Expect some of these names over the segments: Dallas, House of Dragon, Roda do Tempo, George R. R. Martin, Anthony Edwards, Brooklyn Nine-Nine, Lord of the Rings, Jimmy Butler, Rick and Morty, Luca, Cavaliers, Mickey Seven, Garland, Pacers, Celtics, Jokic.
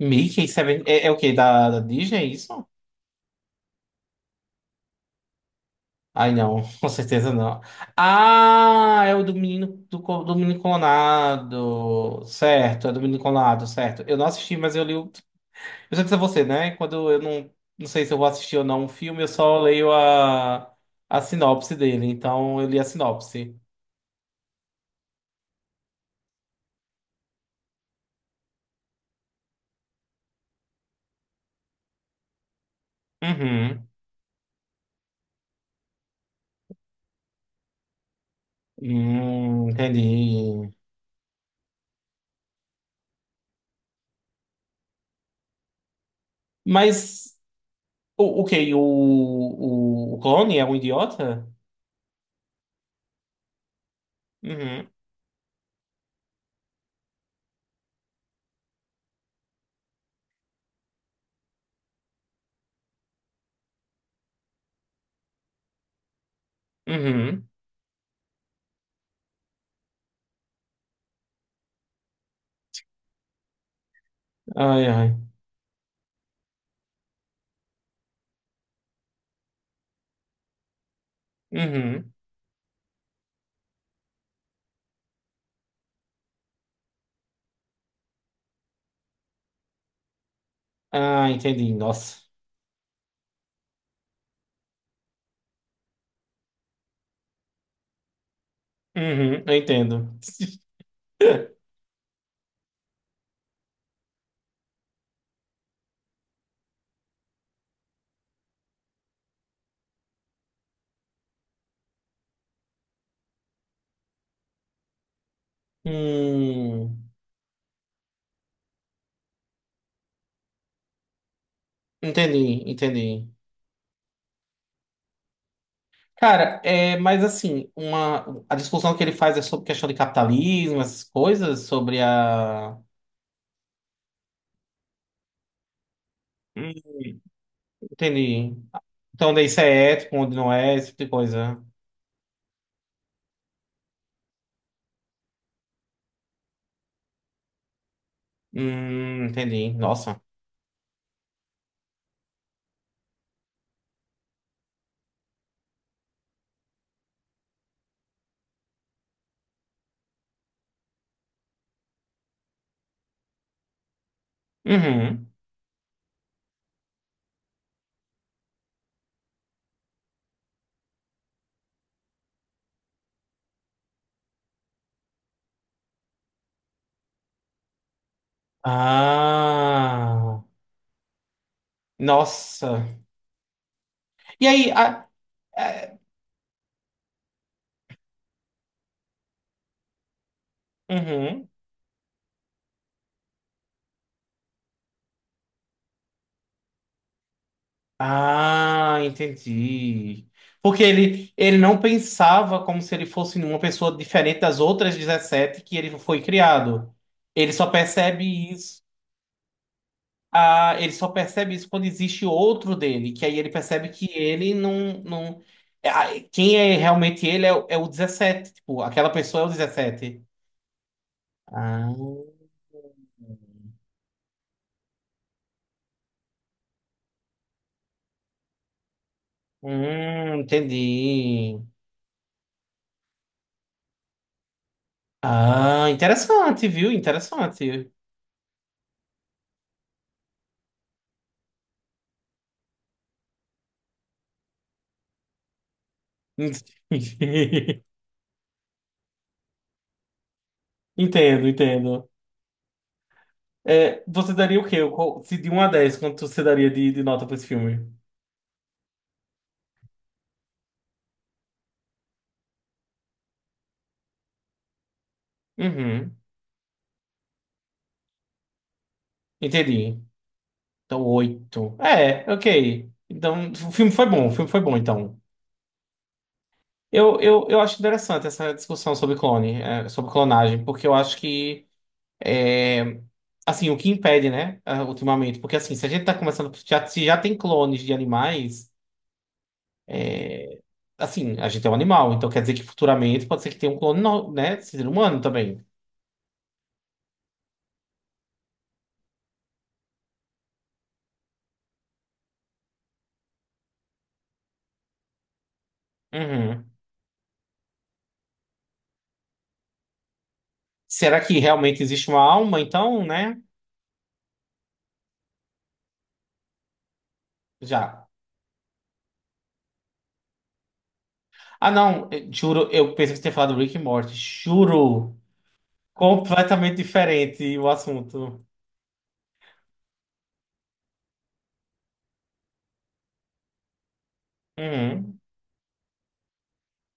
Mickey Seven. É o quê? Da Disney, é isso? Ai, não. Com certeza não. Ah, é o do menino, do menino clonado. Certo, é do menino clonado, certo. Eu não assisti, mas eu li o. Eu já disse a você, né? Quando eu não, não sei se eu vou assistir ou não um filme, eu só leio a sinopse dele. Então, eu li a sinopse. Uhum. Entendi. Mas, o que O, o clone é um idiota? Uhum. Uhum. Ai, ai. Uhum. Ah, entendi. Nossa. Uhum, eu entendo. Hum, entendi, entendi. Cara, é, mas assim, a discussão que ele faz é sobre questão de capitalismo, essas coisas, sobre a. Hum, entendi. Então, onde isso é ético, onde não é, esse tipo de coisa. Entendi. Nossa. Uhum. Ah, nossa. E aí, a- uhum. Ah, entendi. Porque ele não pensava como se ele fosse uma pessoa diferente das outras 17 que ele foi criado. Ele só percebe isso. Ah, ele só percebe isso quando existe outro dele, que aí ele percebe que ele não, não. Quem é realmente ele é o 17, tipo, aquela pessoa é o 17. Ah, entendi. Ah, interessante, viu? Interessante. Entendo, entendo. É, você daria o quê? Se de 1 a 10 quanto você daria de nota pra esse filme? Uhum, entendi. Então, 8 é, ok. Então, o filme foi bom, o filme foi bom, então. Eu acho interessante essa discussão sobre clone, sobre clonagem, porque eu acho que, é, assim, o que impede, né, ah, ultimamente, porque assim, se a gente tá começando, já, se já tem clones de animais, assim, a gente é um animal, então quer dizer que futuramente pode ser que tenha um clone, né? Ser humano também. Uhum. Será que realmente existe uma alma, então, né? Já. Ah, não, juro, eu pensei que você tinha falado Rick e Morty. Juro. Completamente diferente o assunto. Uhum.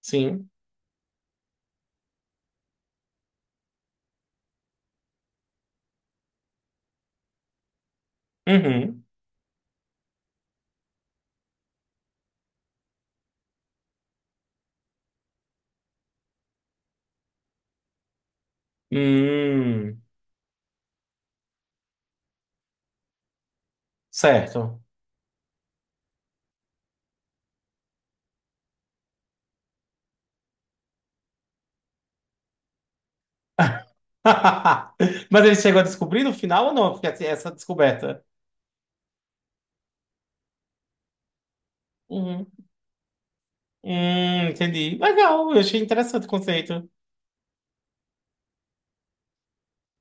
Sim. Uhum. Hum. Certo. Mas ele chegou a descobrir no final ou não? Porque assim, essa descoberta. Uhum. Entendi. Legal, eu achei interessante o conceito.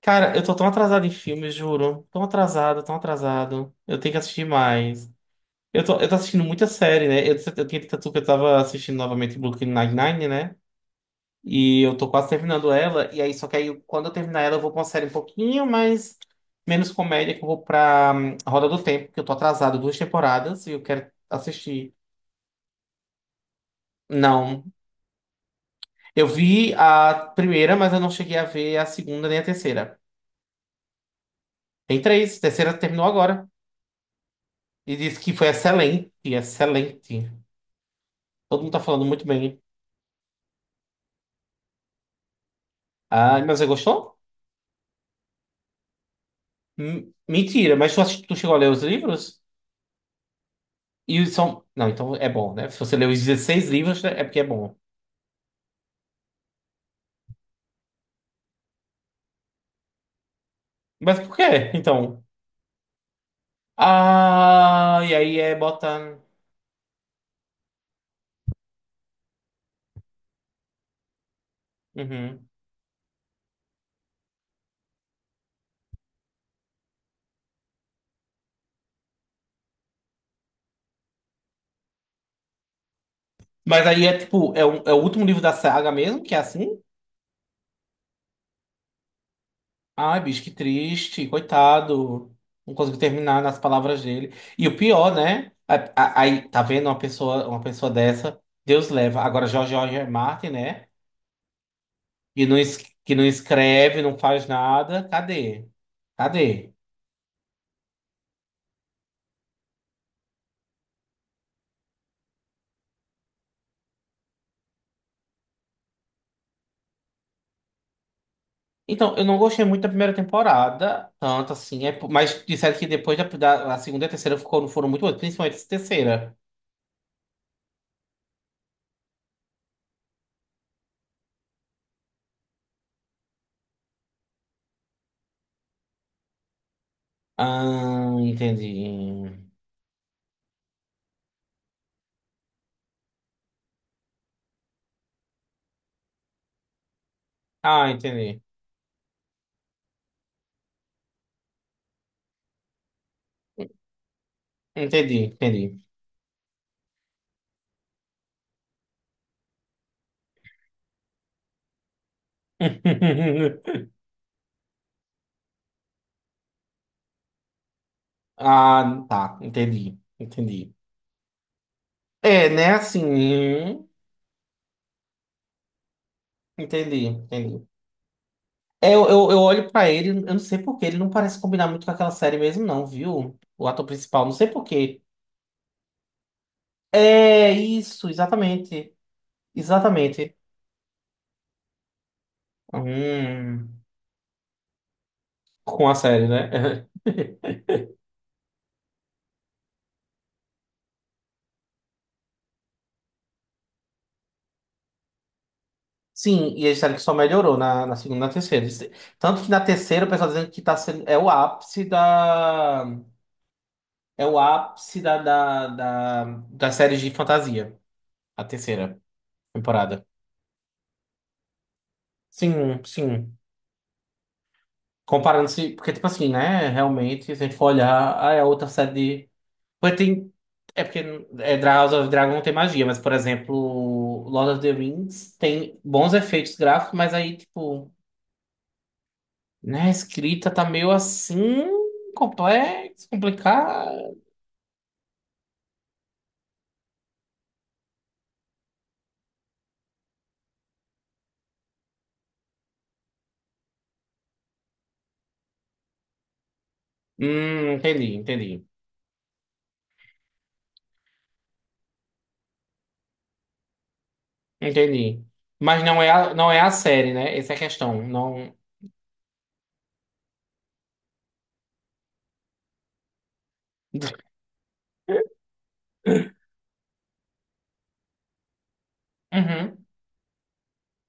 Cara, eu tô tão atrasado em filmes, juro. Tão atrasado, tão atrasado. Eu tenho que assistir mais. Eu tô assistindo muita série, né? Eu tinha dito a tu que eu tava assistindo novamente Brooklyn Nine-Nine, né? E eu tô quase terminando ela. E aí, só que aí, quando eu terminar ela, eu vou pra uma série um pouquinho mais. Menos comédia, que eu vou pra Roda do Tempo, que eu tô atrasado duas temporadas e eu quero assistir. Não. Eu vi a primeira, mas eu não cheguei a ver a segunda nem a terceira. Tem três. A terceira terminou agora. E disse que foi excelente, excelente. Todo mundo tá falando muito bem. Ah, mas você gostou? Mentira, mas tu, tu chegou a ler os livros? E os são. Não, então é bom, né? Se você leu os 16 livros, é porque é bom. Mas por quê? Então. Ah, e aí é bota. Uhum. Mas aí é tipo, é o último livro da saga mesmo, que é assim? Ai, bicho, que triste, coitado. Não consigo terminar nas palavras dele. E o pior, né? Aí, tá vendo uma pessoa dessa, Deus leva. Agora, George R. R. Martin, né? Que não, es- que não escreve, não faz nada. Cadê? Cadê? Então, eu não gostei muito da primeira temporada, tanto assim, mas disseram que depois da, da- a segunda e a terceira ficou, foram muito boas, principalmente a terceira. Ah, entendi. Ah, entendi. Entendi, entendi. Ah, tá, entendi, entendi. É, né, assim, entendi, entendi. É, eu olho pra ele, eu não sei por quê, ele não parece combinar muito com aquela série mesmo, não, viu? O ator principal, não sei por quê. É, isso, exatamente, exatamente. Hum, com a série, né? Sim, e a série que só melhorou na segunda e na terceira. Tanto que na terceira o pessoal tá dizendo que tá sendo, é o ápice da. É o ápice das séries de fantasia, a terceira temporada. Sim, sim. Comparando-se, porque, tipo assim, né? Realmente, se a gente for olhar, ah, é a outra série de. Porque tem. É porque House of Dragon não tem magia, mas, por exemplo, Lord of the Rings tem bons efeitos gráficos, mas aí, tipo, né? A escrita tá meio assim. Complexo, complicado. Entendi, entendi. Entendi. Mas não é a série, né? Essa é a questão. Não. Uhum.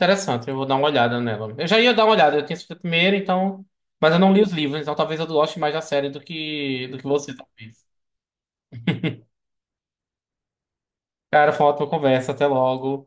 Interessante, eu vou dar uma olhada nela. Eu já ia dar uma olhada, eu tinha assistido primeiro, então. Mas eu não li os livros, então talvez eu goste mais da série do que você, talvez. Cara, foi uma ótima conversa, até logo.